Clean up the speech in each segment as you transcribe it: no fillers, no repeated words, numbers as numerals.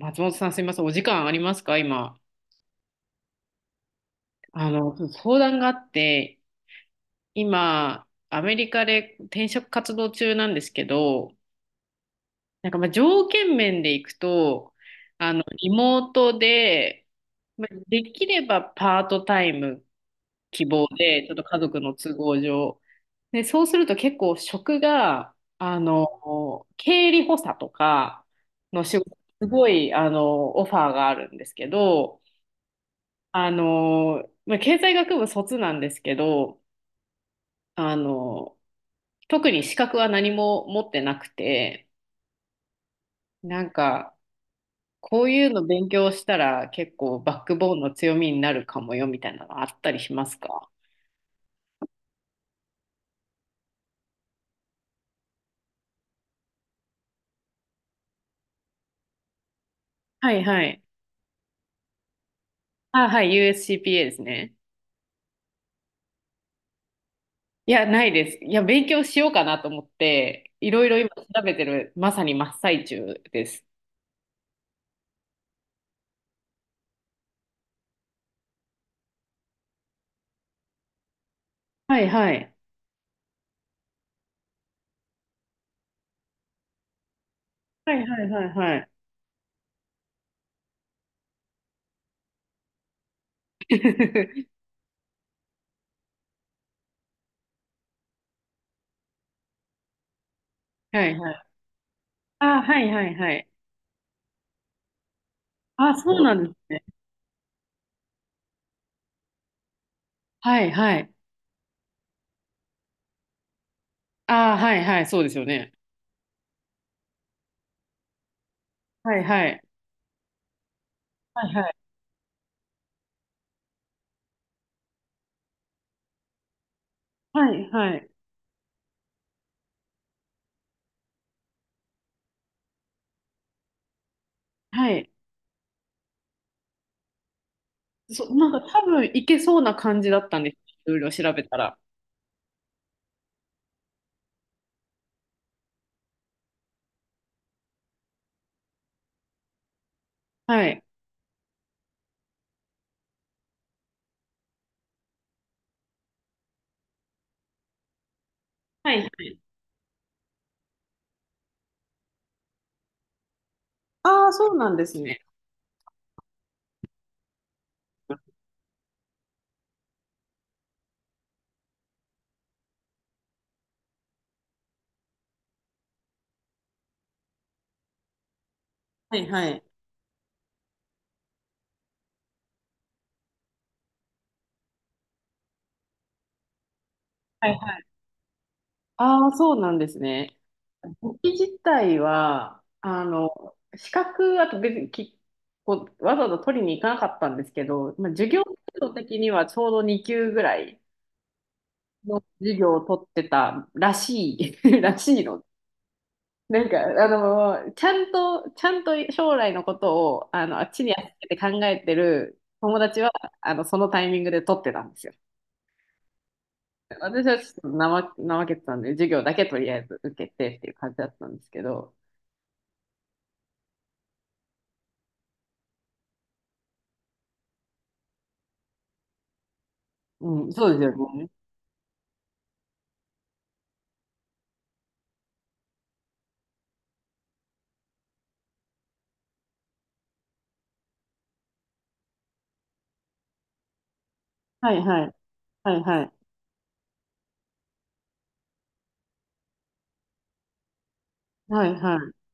松本さん、すみません。お時間ありますか今。相談があって、今、アメリカで転職活動中なんですけど、なんかまあ条件面でいくと、リモートで、まあできればパートタイム希望で、ちょっと家族の都合上。で、そうすると結構職が、経理補佐とかの仕事、すごい、オファーがあるんですけど、まあ、経済学部卒なんですけど、あの、特に資格は何も持ってなくて、なんか、こういうの勉強したら結構バックボーンの強みになるかもよみたいなのあったりしますか？はいはい。あ、はい、USCPA ですね。いや、ないです。いや、勉強しようかなと思って、いろいろ今調べてる、まさに真っ最中です。はいはい。はいはいはいはい。はいはい。あ、はいはいはい。あ、そうなんですね。はいはい。ああ、はいはい、そうですよね。はいはい。はいはい。はいはい。はい。そう、なんか多分いけそうな感じだったんです。いろいろ調べたら。はい。はいはい。ああ、そうなんですね。はいはい。はいはい。ああ、そうなんですね。簿記自体は、資格、あと別にき、こう、わざわざ取りに行かなかったんですけど、まあ、授業制度的にはちょうど2級ぐらいの授業を取ってたらしい、らしいの。なんか、ちゃんと将来のことを、あっちに預けて考えてる友達は、そのタイミングで取ってたんですよ。私はちょっと怠けてたんで、授業だけとりあえず受けてっていう感じだったんですけど、うん、そうですよね。はいはい、はいはい、はいはい。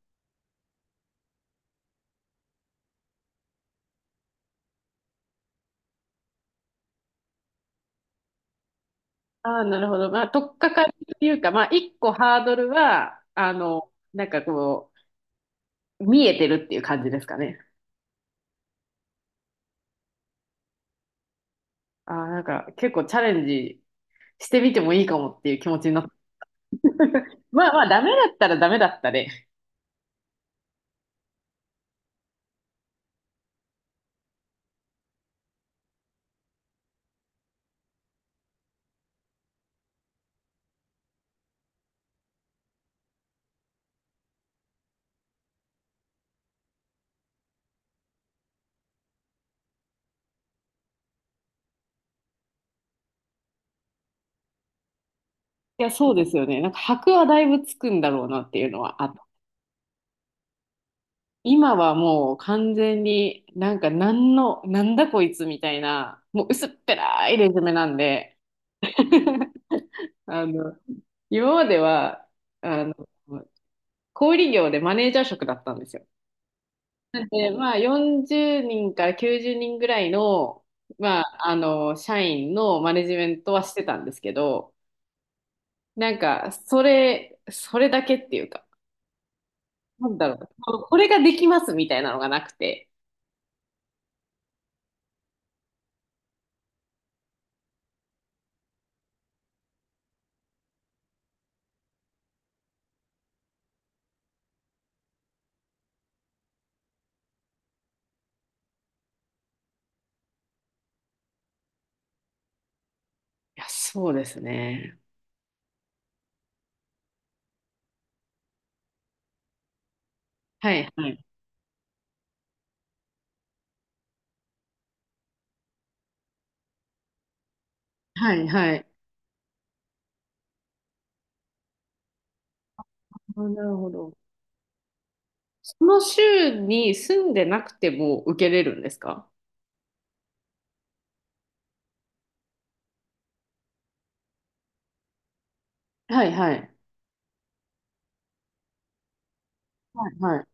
ああ、なるほど。まあ、とっかかりっていうか、まあ、一個ハードルは、なんかこう、見えてるっていう感じですかね。ああ、なんか結構チャレンジしてみてもいいかもっていう気持ちになった。まあまあ、ダメだったらダメだったで、いや、そうですよね。なんか箔はだいぶつくんだろうなっていうのはあった。今はもう完全になんだこいつみたいな、もう薄っぺらいレジュメなんで、あの、今までは、あの、小売業でマネージャー職だったんですよ。で、まあ40人から90人ぐらいの、まあ、社員のマネジメントはしてたんですけど、なんか、それだけっていうか、なんだろう、これができますみたいなのがなくて。いや、そうですね。はい、はい。はい、はい。あ、なるほど。その州に住んでなくても受けれるんですか？はい、はい。はい、はい。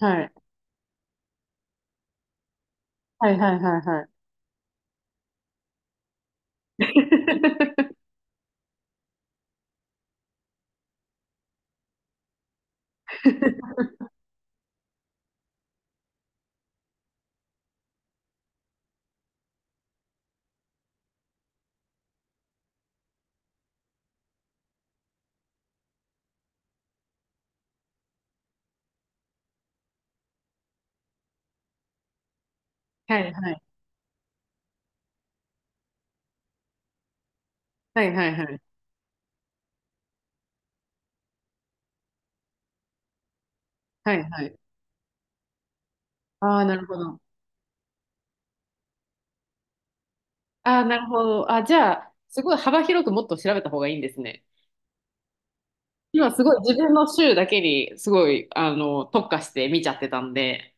はい、はい、はい、はい。はい、はい、はい。はい、はい、はい。はいはい。ああ、なるほど。ああ、なるほど。あ、じゃあ、すごい幅広くもっと調べた方がいいんですね。今すごい自分の州だけにすごい特化して見ちゃってたんで。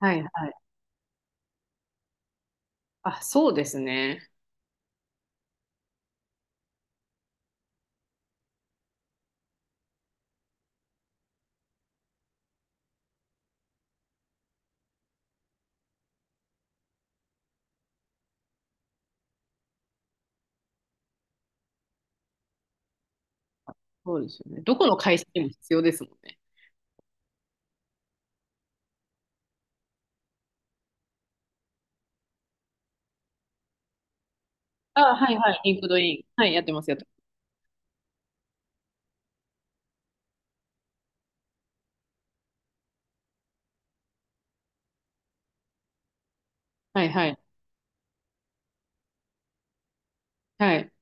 はいはい。あ、そうですね。そうですよね。どこの会社でも必要ですもんね。あ、はいはい。リンクドイン。はい、やってます、やってます。はいはい。はい。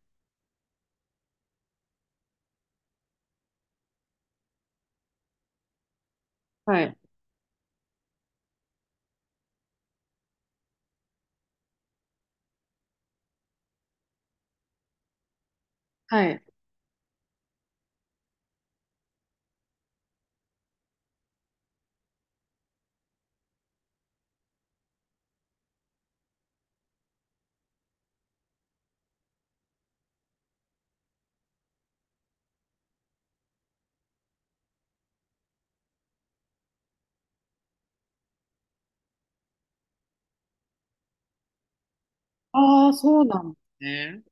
はい。はい。ああ、そうなんですね。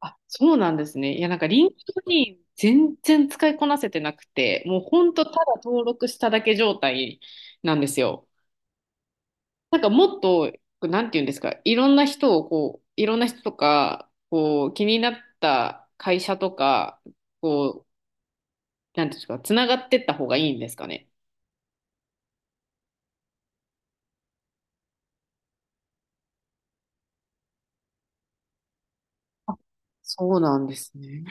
あ、そうなんですね。いや、なんかリンクドイン全然使いこなせてなくて、もうほんとただ登録しただけ状態なんですよ。なんかもっと、なんて言うんですか、いろんな人とか、こう、気になった会社とか、こう、なんていうんですか、つながってった方がいいんですかね。あ、そうなんですね。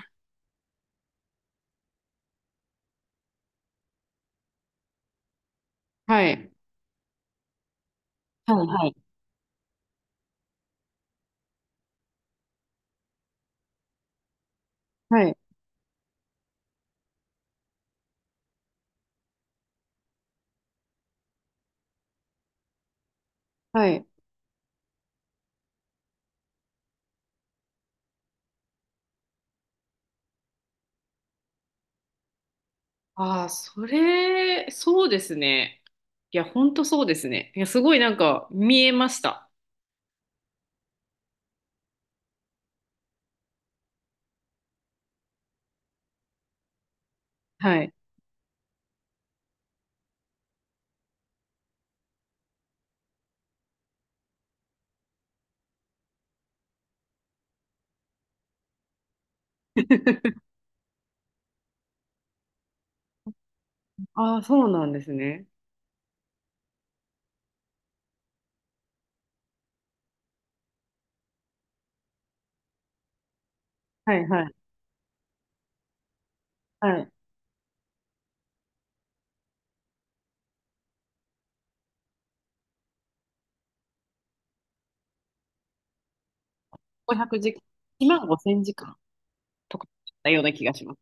はい。はい、はい、はい、はい。ああ、そうですね。いや、ほんとそうですね。いや、すごいなんか見えました。はい。ああ、そうなんですね。はい、はい、はい。500時間、1万5千時間とかだったような気がします。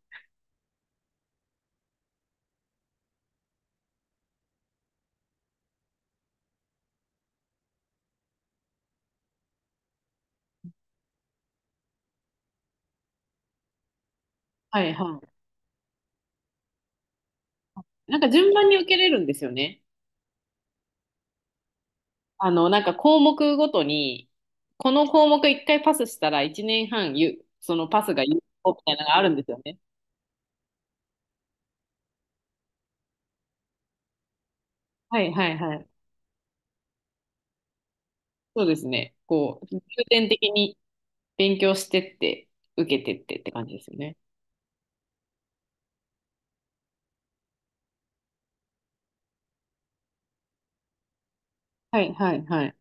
はい、はい。なんか順番に受けれるんですよね。なんか項目ごとに、この項目一回パスしたら一年半ゆ、そのパスが有効みたいなのがあるんですよね。はいはいはい。そうですね。こう、重点的に勉強してって、受けてってって感じですよね。はいはいはい。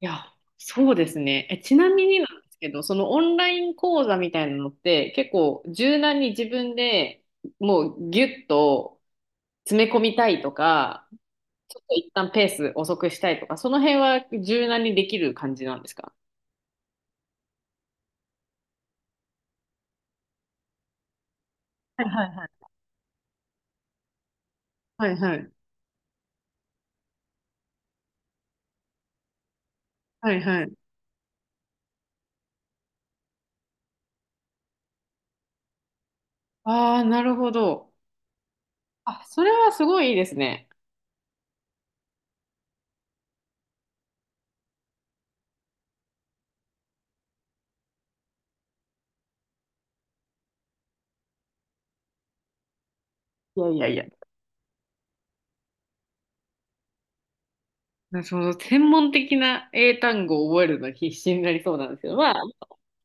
いや、そうですね。え、ちなみになんですけど、そのオンライン講座みたいなのって結構柔軟に自分でもうギュッと詰め込みたいとか、ちょっと一旦ペース遅くしたいとか、その辺は柔軟にできる感じなんですか？はいはいはい。はいはい。はいはい。ああ、なるほど。あ、それはすごいいいですね。いやいやいや。その専門的な英単語を覚えるの必死になりそうなんですけど、まあ、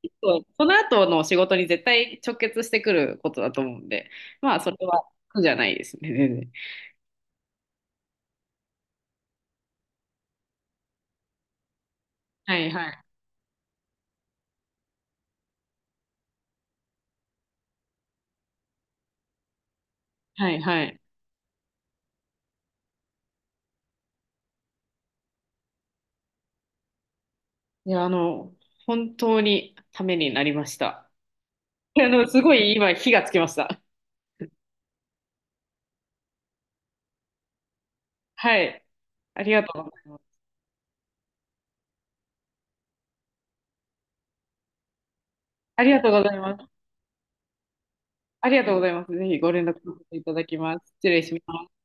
結構この後の仕事に絶対直結してくることだと思うんで、まあ、それは苦じゃないですね、全然。はいはい。はいはい。いや、本当にためになりました。すごい今、火がつきました。はい。ありがとうございます。ありがとうございます。ありがとうございます。ぜひご連絡させていただきます。失礼します。